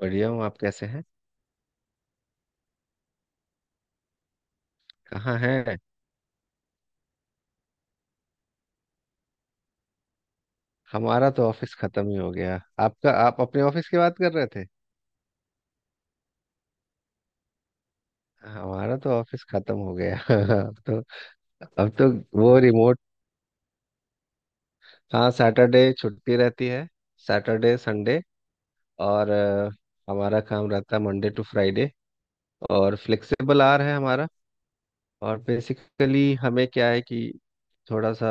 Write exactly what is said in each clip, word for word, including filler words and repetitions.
बढ़िया हूँ। आप कैसे हैं? कहाँ हैं? हमारा तो ऑफिस खत्म ही हो गया। आपका आप अपने ऑफिस की बात कर रहे थे? हमारा तो ऑफिस खत्म हो गया अब तो अब तो वो रिमोट। हाँ सैटरडे छुट्टी रहती है। सैटरडे संडे और अ, हमारा काम रहता है मंडे टू फ्राइडे। और फ्लेक्सिबल आवर है हमारा। और बेसिकली हमें क्या है कि थोड़ा सा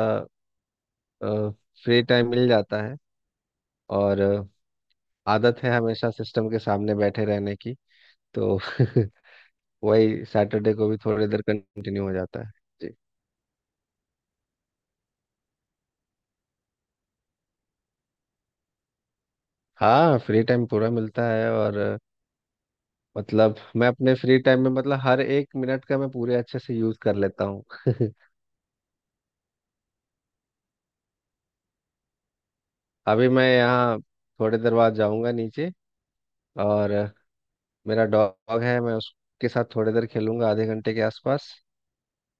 फ्री टाइम मिल जाता है। और अ, आदत है हमेशा सिस्टम के सामने बैठे रहने की, तो वही सैटरडे को भी थोड़ी देर कंटिन्यू हो जाता है। जी। हाँ फ्री टाइम पूरा मिलता है, और अ, मतलब मैं अपने फ्री टाइम में, मतलब हर एक मिनट का मैं पूरे अच्छे से यूज कर लेता हूँ अभी मैं यहाँ, थोड़ी देर बाद जाऊँगा नीचे। और अ, मेरा डॉग है, मैं उसके साथ थोड़ी देर खेलूंगा, आधे घंटे के आसपास।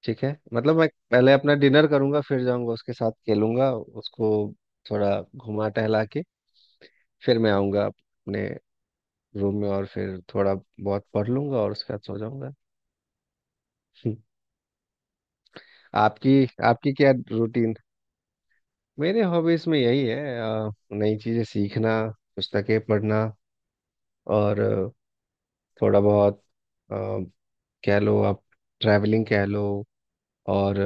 ठीक है, मतलब मैं पहले अपना डिनर करूंगा, फिर जाऊंगा, उसके साथ खेलूंगा, उसको थोड़ा घुमा टहला के। फिर मैं आऊंगा अपने रूम में, और फिर थोड़ा बहुत पढ़ लूंगा और उसके बाद सो जाऊंगा आपकी आपकी क्या रूटीन? मेरे हॉबीज में यही है, अ, नई चीजें सीखना, पुस्तकें पढ़ना, और अ, थोड़ा बहुत अ, कह लो आप, ट्रैवलिंग कह लो, और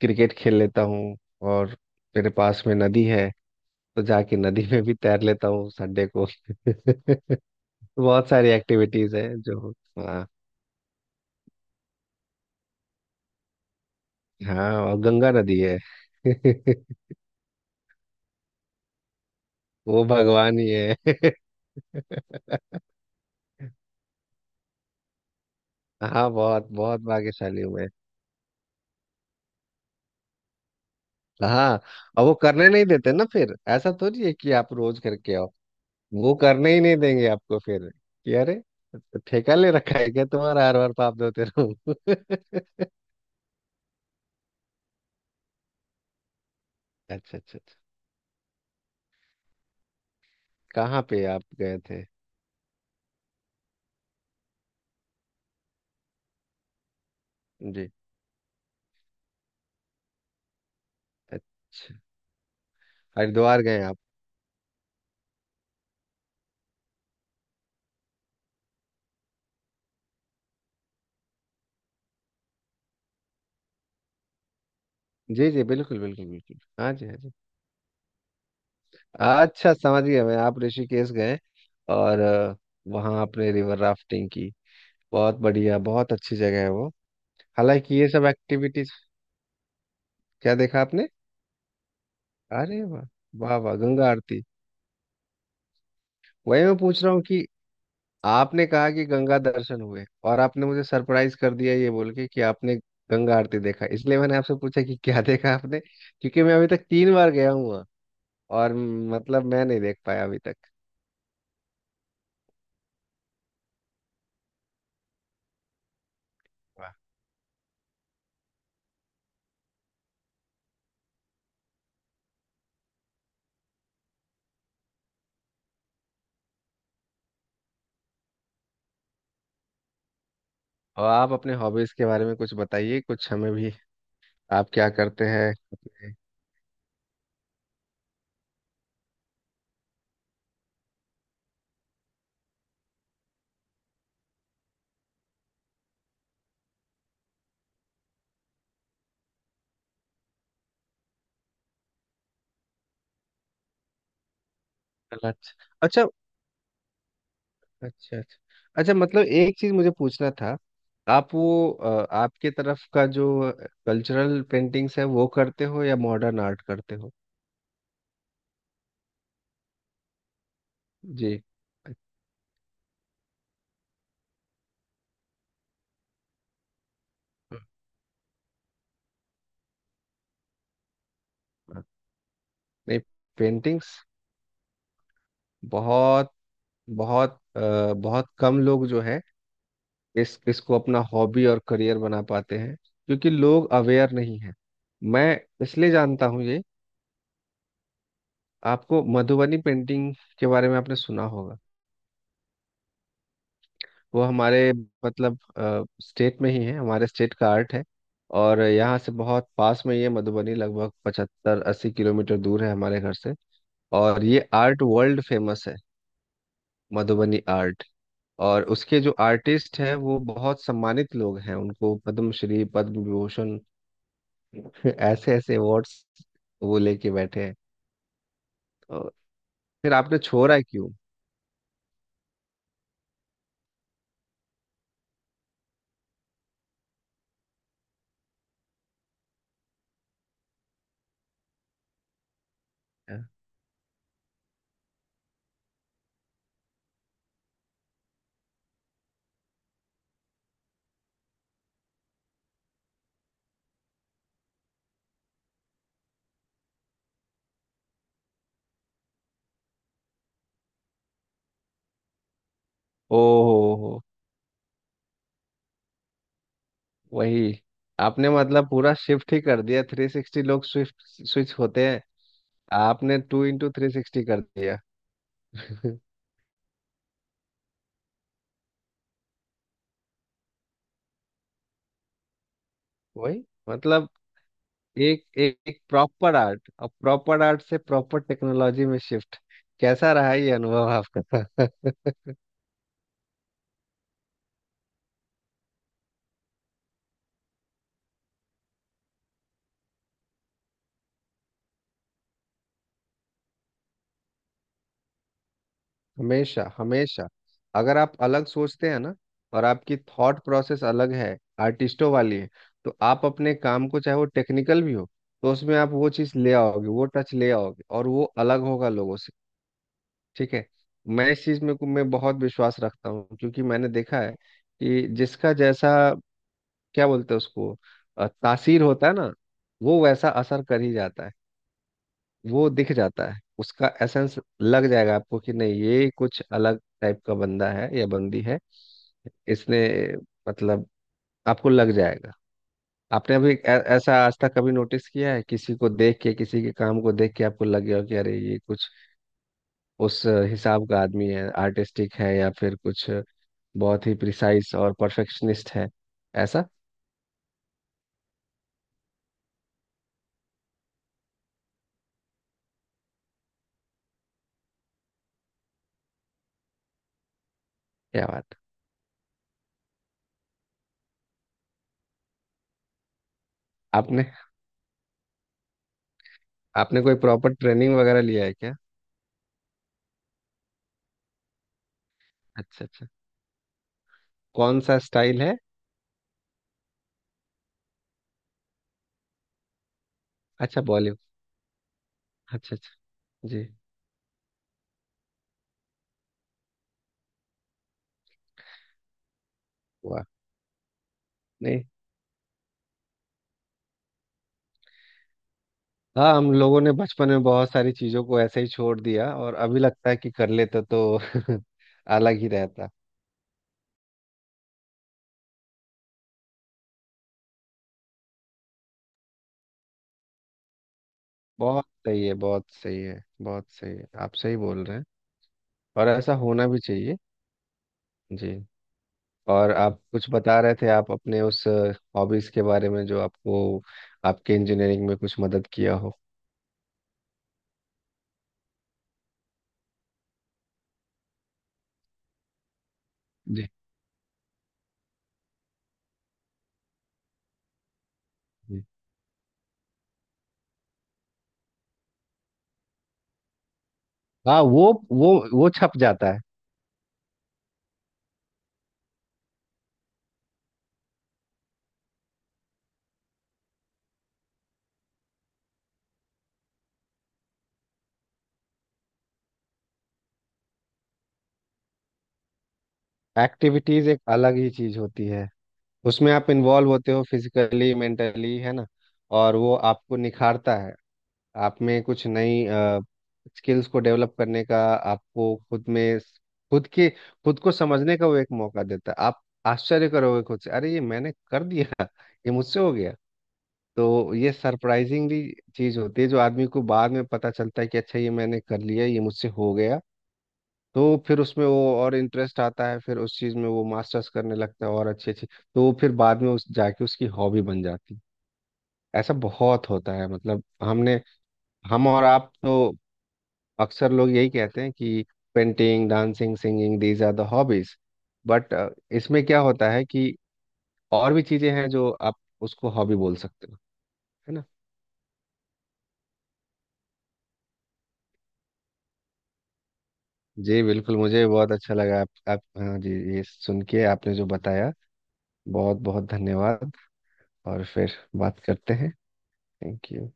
क्रिकेट खेल लेता हूँ। और मेरे पास में नदी है, तो जाके नदी में भी तैर लेता हूँ संडे को बहुत सारी एक्टिविटीज है जो। हाँ। हाँ, और गंगा नदी है। वो भगवान ही है। हाँ, बहुत बहुत भाग्यशाली हूँ मैं। हाँ, और वो करने नहीं देते ना, फिर ऐसा थोड़ी है कि आप रोज करके आओ। वो करने ही नहीं देंगे आपको फिर, कि अरे, ठेका ले रखा है क्या तुम्हारा, हर बार पाप धोते रहो अच्छा अच्छा अच्छा। कहाँ पे आप गए थे? जी। अच्छा। हरिद्वार गए आप? जी जी, बिल्कुल बिल्कुल बिल्कुल, हाँ जी, हाँ जी। अच्छा समझ गया मैं, आप ऋषिकेश गए। और अ, वहाँ आपने रिवर राफ्टिंग की। बहुत बढ़िया, बहुत अच्छी जगह है वो। हालांकि ये सब एक्टिविटीज। क्या देखा आपने? अरे वाह! वाह वाह, गंगा आरती। वही मैं पूछ रहा हूँ कि आपने कहा कि गंगा दर्शन हुए, और आपने मुझे सरप्राइज कर दिया ये बोल के कि आपने गंगा आरती देखा, इसलिए मैंने आपसे पूछा कि क्या देखा आपने, क्योंकि मैं अभी तक तीन बार गया हूँ वहाँ और म, मतलब मैं नहीं देख पाया अभी तक। वाह। और आप अपने हॉबीज के बारे में कुछ बताइए, कुछ हमें भी। आप क्या करते हैं अपने- अच्छा अच्छा अच्छा। अच्छा अच्छा, मतलब एक चीज मुझे पूछना था। आप वो अ, आपके तरफ का जो कल्चरल पेंटिंग्स है वो करते हो, या मॉडर्न आर्ट करते हो? जी। अच्छा। नहीं, पेंटिंग्स, बहुत बहुत अ, बहुत कम लोग जो है इस इसको अपना हॉबी और करियर बना पाते हैं, क्योंकि लोग अवेयर नहीं है। मैं इसलिए जानता हूँ ये। आपको मधुबनी पेंटिंग के बारे में आपने सुना होगा? वो हमारे, मतलब स्टेट में ही है, हमारे स्टेट का आर्ट है। और यहाँ से बहुत पास में ये मधुबनी, लगभग पचहत्तर अस्सी किलोमीटर दूर है हमारे घर से। और ये आर्ट वर्ल्ड फेमस है, मधुबनी आर्ट। और उसके जो आर्टिस्ट हैं वो बहुत सम्मानित लोग हैं, उनको पद्मश्री, पद्म विभूषण ऐसे ऐसे अवार्ड्स वो लेके बैठे हैं। और फिर आपने छोड़ा क्यों? ओ हो हो। वही, आपने मतलब पूरा शिफ्ट ही कर दिया, थ्री सिक्सटी, लोग स्विफ्ट स्विच होते हैं। आपने टू इंटू थ्री सिक्सटी कर दिया वही, मतलब एक एक, एक प्रॉपर आर्ट, और प्रॉपर आर्ट से प्रॉपर टेक्नोलॉजी में शिफ्ट, कैसा रहा ये अनुभव आपका हमेशा हमेशा, अगर आप अलग सोचते हैं ना, और आपकी थॉट प्रोसेस अलग है, आर्टिस्टों वाली है, तो आप अपने काम को, चाहे वो टेक्निकल भी हो, तो उसमें आप वो चीज़ ले आओगे, वो टच ले आओगे, और वो अलग होगा लोगों से। ठीक है। मैं इस चीज में मैं बहुत विश्वास रखता हूँ, क्योंकि मैंने देखा है कि जिसका जैसा, क्या बोलते हैं उसको, अ, तासीर होता है ना, वो वैसा असर कर ही जाता है। वो दिख जाता है, उसका एसेंस लग जाएगा आपको कि नहीं, ये कुछ अलग टाइप का बंदा है या बंदी है। इसने, मतलब आपको लग जाएगा। आपने अभी ए- ऐसा आज तक कभी नोटिस किया है, किसी को देख के, किसी के काम को देख के आपको लग गया हो कि अरे ये कुछ उस हिसाब का आदमी है, आर्टिस्टिक है, या फिर कुछ बहुत ही प्रिसाइज और परफेक्शनिस्ट है, ऐसा? क्या बात! आपने आपने कोई प्रॉपर ट्रेनिंग वगैरह लिया है क्या? अच्छा अच्छा। कौन सा स्टाइल है? अच्छा, बॉलीवुड। अच्छा अच्छा। जी। वाह। नहीं। हाँ, हम लोगों ने बचपन में बहुत सारी चीज़ों को ऐसे ही छोड़ दिया, और अभी लगता है कि कर लेते तो अलग ही रहता। बहुत सही है, बहुत सही है, बहुत सही है, आप सही बोल रहे हैं, और ऐसा होना भी चाहिए। जी। और आप कुछ बता रहे थे, आप अपने उस हॉबीज के बारे में जो आपको, आपके इंजीनियरिंग में कुछ मदद किया हो। जी। जी। हाँ। वो वो वो छप जाता है। एक्टिविटीज एक अलग ही चीज होती है, उसमें आप इन्वॉल्व होते हो फिजिकली मेंटली, है ना, और वो आपको निखारता है। आप में कुछ नई स्किल्स को डेवलप करने का, आपको खुद में खुद के खुद को समझने का वो एक मौका देता है। आप आश्चर्य करोगे खुद से, अरे ये मैंने कर दिया, ये मुझसे हो गया। तो ये सरप्राइजिंगली चीज होती है, जो आदमी को बाद में पता चलता है कि अच्छा, ये मैंने कर लिया, ये मुझसे हो गया। तो फिर उसमें वो और इंटरेस्ट आता है, फिर उस चीज में वो मास्टर्स करने लगता है, और अच्छी अच्छी, तो वो फिर बाद में उस जाके उसकी हॉबी बन जाती है। ऐसा बहुत होता है, मतलब हमने हम और आप तो अक्सर लोग यही कहते हैं कि painting, dancing, singing, these are the hobbies, but इसमें क्या होता है कि और भी चीजें हैं जो आप उसको हॉबी बोल सकते हो, है ना? जी बिल्कुल, मुझे बहुत अच्छा लगा आप आप हाँ जी, ये सुन के, आपने जो बताया। बहुत बहुत धन्यवाद, और फिर बात करते हैं। Thank you.